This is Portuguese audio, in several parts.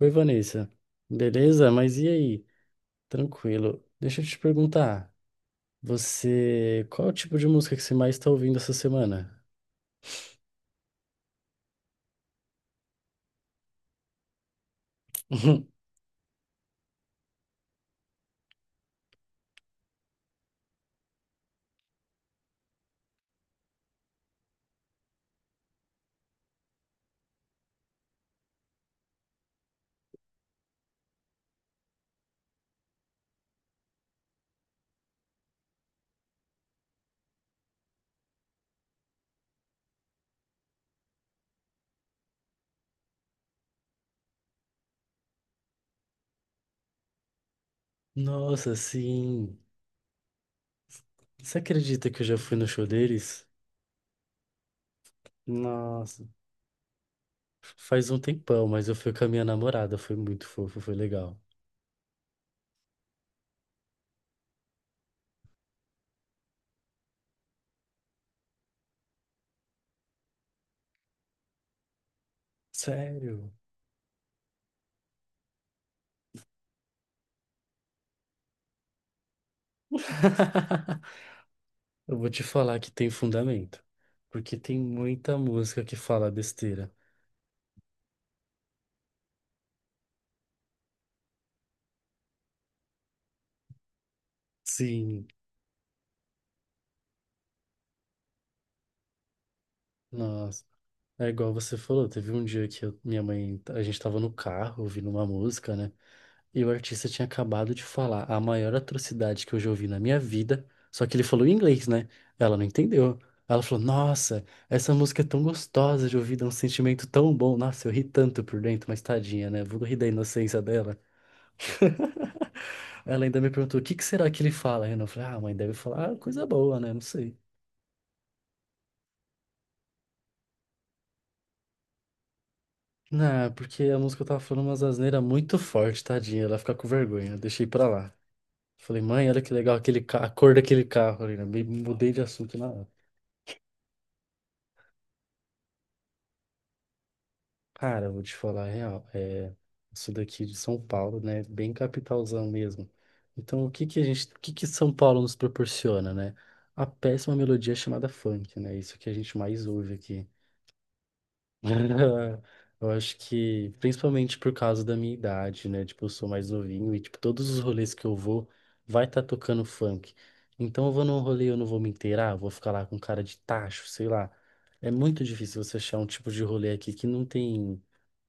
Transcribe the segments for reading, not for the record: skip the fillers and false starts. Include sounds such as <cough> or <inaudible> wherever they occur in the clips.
Oi, Vanessa. Beleza? Mas e aí? Tranquilo. Deixa eu te perguntar, você, qual é o tipo de música que você mais está ouvindo essa semana? <laughs> Nossa, sim. Você acredita que eu já fui no show deles? Nossa, faz um tempão, mas eu fui com a minha namorada, foi muito fofo, foi legal. Sério? <laughs> Eu vou te falar que tem fundamento, porque tem muita música que fala besteira. Sim, nossa. É igual você falou, teve um dia que minha mãe, a gente tava no carro ouvindo uma música, né? E o artista tinha acabado de falar a maior atrocidade que eu já ouvi na minha vida, só que ele falou em inglês, né? Ela não entendeu. Ela falou: Nossa, essa música é tão gostosa de ouvir, dá um sentimento tão bom. Nossa, eu ri tanto por dentro, mas tadinha, né? Vou rir da inocência dela. Ela ainda me perguntou: O que que será que ele fala, Renan? Eu falei: Ah, mãe, deve falar coisa boa, né? Não sei. Não, porque a música tava falando umas asneiras muito forte, tadinha. Ela fica com vergonha, eu deixei pra lá. Falei: mãe, olha que legal aquele a cor daquele carro ali, né? Mudei de assunto na hora. Cara, eu vou te falar a real. É, isso daqui de São Paulo, né? Bem capitalzão mesmo. Então, o que que São Paulo nos proporciona, né? A péssima melodia chamada funk, né? Isso que a gente mais ouve aqui. <laughs> Eu acho que, principalmente por causa da minha idade, né? Tipo, eu sou mais novinho e, tipo, todos os rolês que eu vou, vai estar tocando funk. Então, eu vou num rolê, eu não vou me inteirar, vou ficar lá com cara de tacho, sei lá. É muito difícil você achar um tipo de rolê aqui que não tem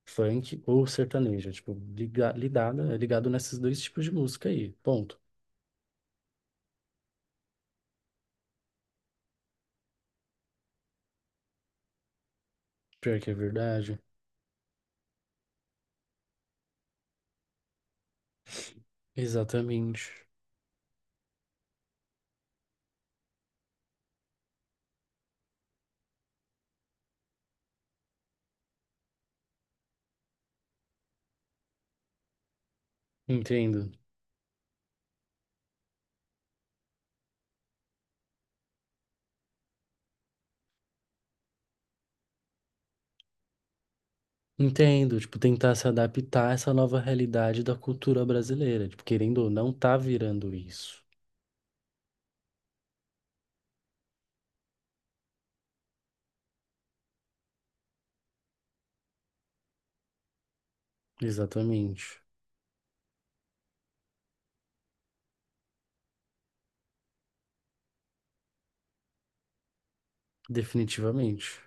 funk ou sertanejo. É, tipo, é ligado nesses dois tipos de música aí. Ponto. Pior que é verdade. Exatamente. Entendo. Entendo, tipo, tentar se adaptar a essa nova realidade da cultura brasileira, tipo, querendo ou não, tá virando isso. Exatamente. Definitivamente.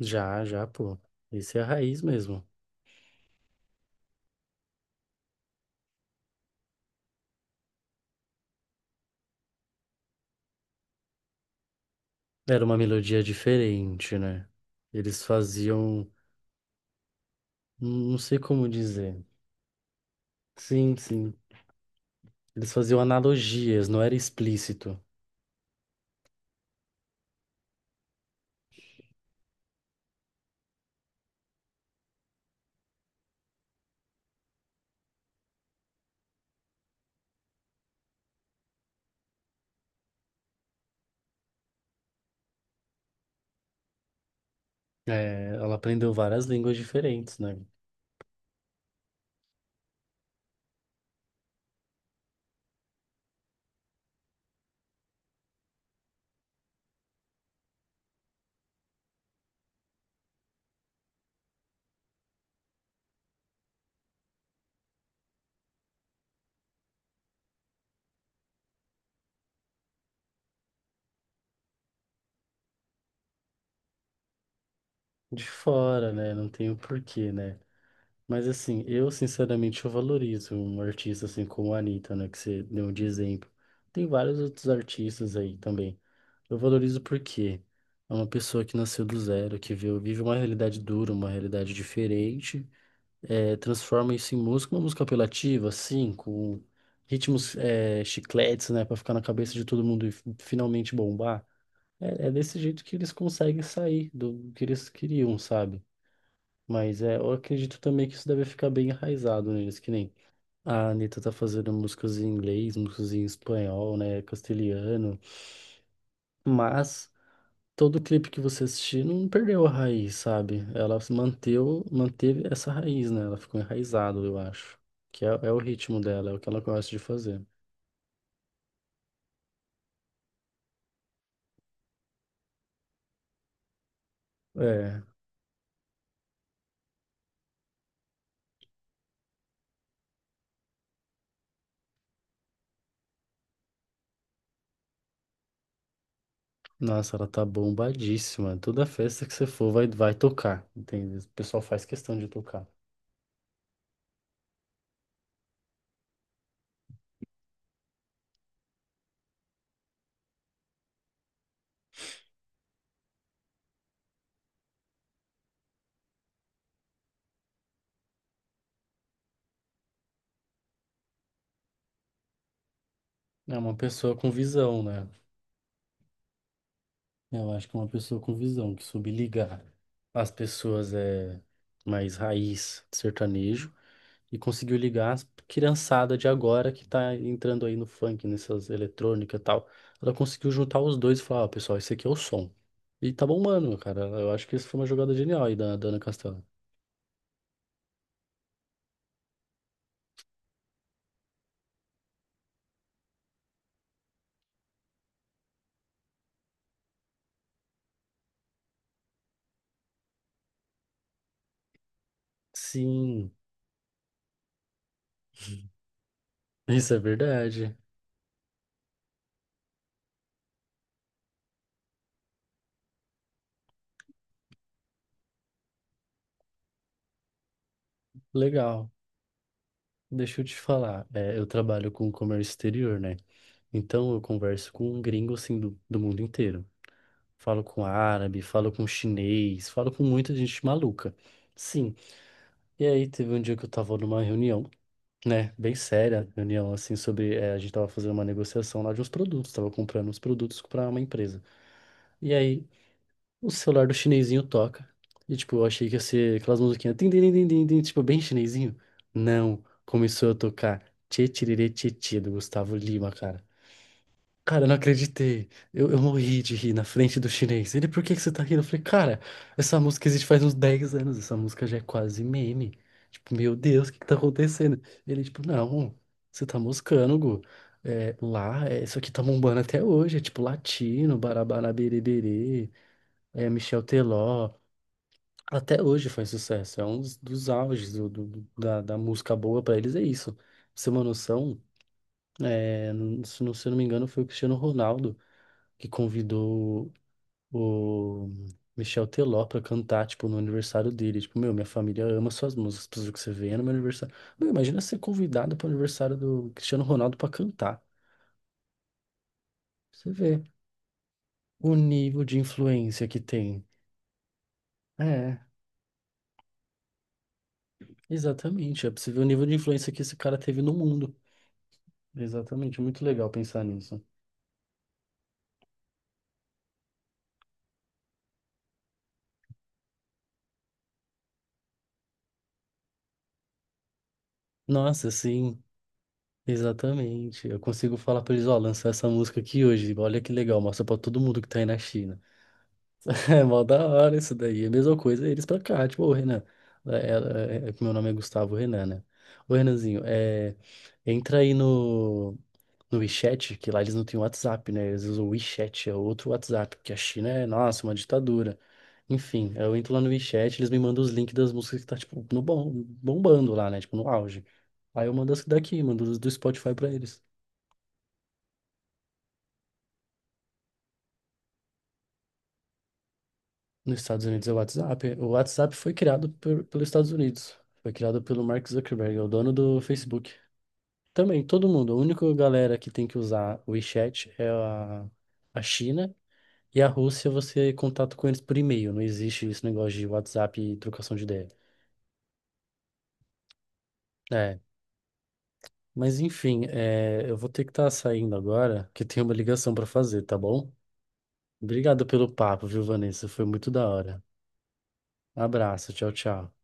Já, já, pô. Esse é a raiz mesmo. Era uma melodia diferente, né? Eles faziam, não sei como dizer. Sim, sim. Eles faziam analogias, não era explícito. É, ela aprendeu várias línguas diferentes, né? De fora, né? Não tem o porquê, né? Mas assim, eu sinceramente eu valorizo um artista assim como a Anitta, né, que você deu de exemplo. Tem vários outros artistas aí também. Eu valorizo porque é uma pessoa que nasceu do zero, que vive uma realidade dura, uma realidade diferente, é, transforma isso em música, uma música apelativa, assim, com ritmos é, chicletes, né, pra ficar na cabeça de todo mundo e finalmente bombar. É desse jeito que eles conseguem sair do que eles queriam, sabe? Mas é, eu acredito também que isso deve ficar bem enraizado neles, que nem a Anitta tá fazendo músicas em inglês, músicas em espanhol, né, castelhano, mas todo clipe que você assistir não perdeu a raiz, sabe? Ela se manteve essa raiz, né? Ela ficou enraizada, eu acho. Que é o ritmo dela, é o que ela gosta de fazer. É, nossa, ela tá bombadíssima. Toda festa que você for vai, vai tocar, entende? O pessoal faz questão de tocar. É uma pessoa com visão, né? Eu acho que uma pessoa com visão, que soube ligar as pessoas é mais raiz sertanejo e conseguiu ligar as criançada de agora que tá entrando aí no funk, nessas eletrônicas e tal. Ela conseguiu juntar os dois e falar: ó, pessoal, esse aqui é o som. E tá bombando, cara. Eu acho que isso foi uma jogada genial aí da, da Ana Castela. Sim, isso é verdade. Legal. Deixa eu te falar. Eu trabalho com comércio exterior, né? Então eu converso com gringos assim do mundo inteiro. Falo com árabe, falo com chinês, falo com muita gente maluca. Sim. E aí teve um dia que eu tava numa reunião, né? Bem séria, reunião assim sobre. A gente tava fazendo uma negociação lá de uns produtos, tava comprando uns produtos pra uma empresa. E aí o celular do chinesinho toca. E tipo, eu achei que ia ser aquelas musiquinhas, tim, tim, tim, tim, tim, tim, tipo, bem chinesinho. Não, começou a tocar Tchê Tchiriri Tchê Tchê do Gustavo Lima, cara. Cara, eu não acreditei. Eu morri de rir na frente do chinês. Ele: por que que você tá rindo? Eu falei: cara, essa música existe faz uns 10 anos. Essa música já é quase meme. Tipo, meu Deus, o que que tá acontecendo? Ele, tipo: não, você tá moscando, Gu. É, lá, é, isso aqui tá bombando até hoje. É tipo latino, Barabara Beriberi, é Michel Teló. Até hoje faz sucesso. É um dos auges da música boa pra eles, é isso. Pra você ter uma noção, é, se eu não me engano, foi o Cristiano Ronaldo que convidou o Michel Teló pra cantar, tipo, no aniversário dele. Tipo, meu, minha família ama suas músicas, precisa que você venha no meu aniversário. Meu, imagina ser convidado pro aniversário do Cristiano Ronaldo pra cantar. Você vê o nível de influência que tem. É, exatamente. É possível o nível de influência que esse cara teve no mundo. Exatamente, muito legal pensar nisso. Nossa, sim, exatamente. Eu consigo falar pra eles: ó, lançar essa música aqui hoje. Olha que legal, mostra pra todo mundo que tá aí na China. <laughs> É mó da hora isso daí. É a mesma coisa eles pra cá. Tipo: ô Renan. É, é que meu nome é Gustavo Renan, né? Ô Renanzinho, entra aí no WeChat, que lá eles não têm WhatsApp, né? Eles usam o WeChat, é outro WhatsApp, porque a China é, nossa, uma ditadura. Enfim, eu entro lá no WeChat, eles me mandam os links das músicas que tá, tipo, no bom, bombando lá, né? Tipo, no auge. Aí eu mando as daqui, mando os do Spotify pra eles. Nos Estados Unidos é o WhatsApp. O WhatsApp foi criado pelos Estados Unidos. Foi criado pelo Mark Zuckerberg, é o dono do Facebook. Também, todo mundo. A única galera que tem que usar o WeChat é a China. E a Rússia, você contato com eles por e-mail. Não existe esse negócio de WhatsApp e trocação de ideia. É. Mas enfim, eu vou ter que estar saindo agora, que tem uma ligação para fazer, tá bom? Obrigado pelo papo, viu, Vanessa? Foi muito da hora. Abraço, tchau, tchau.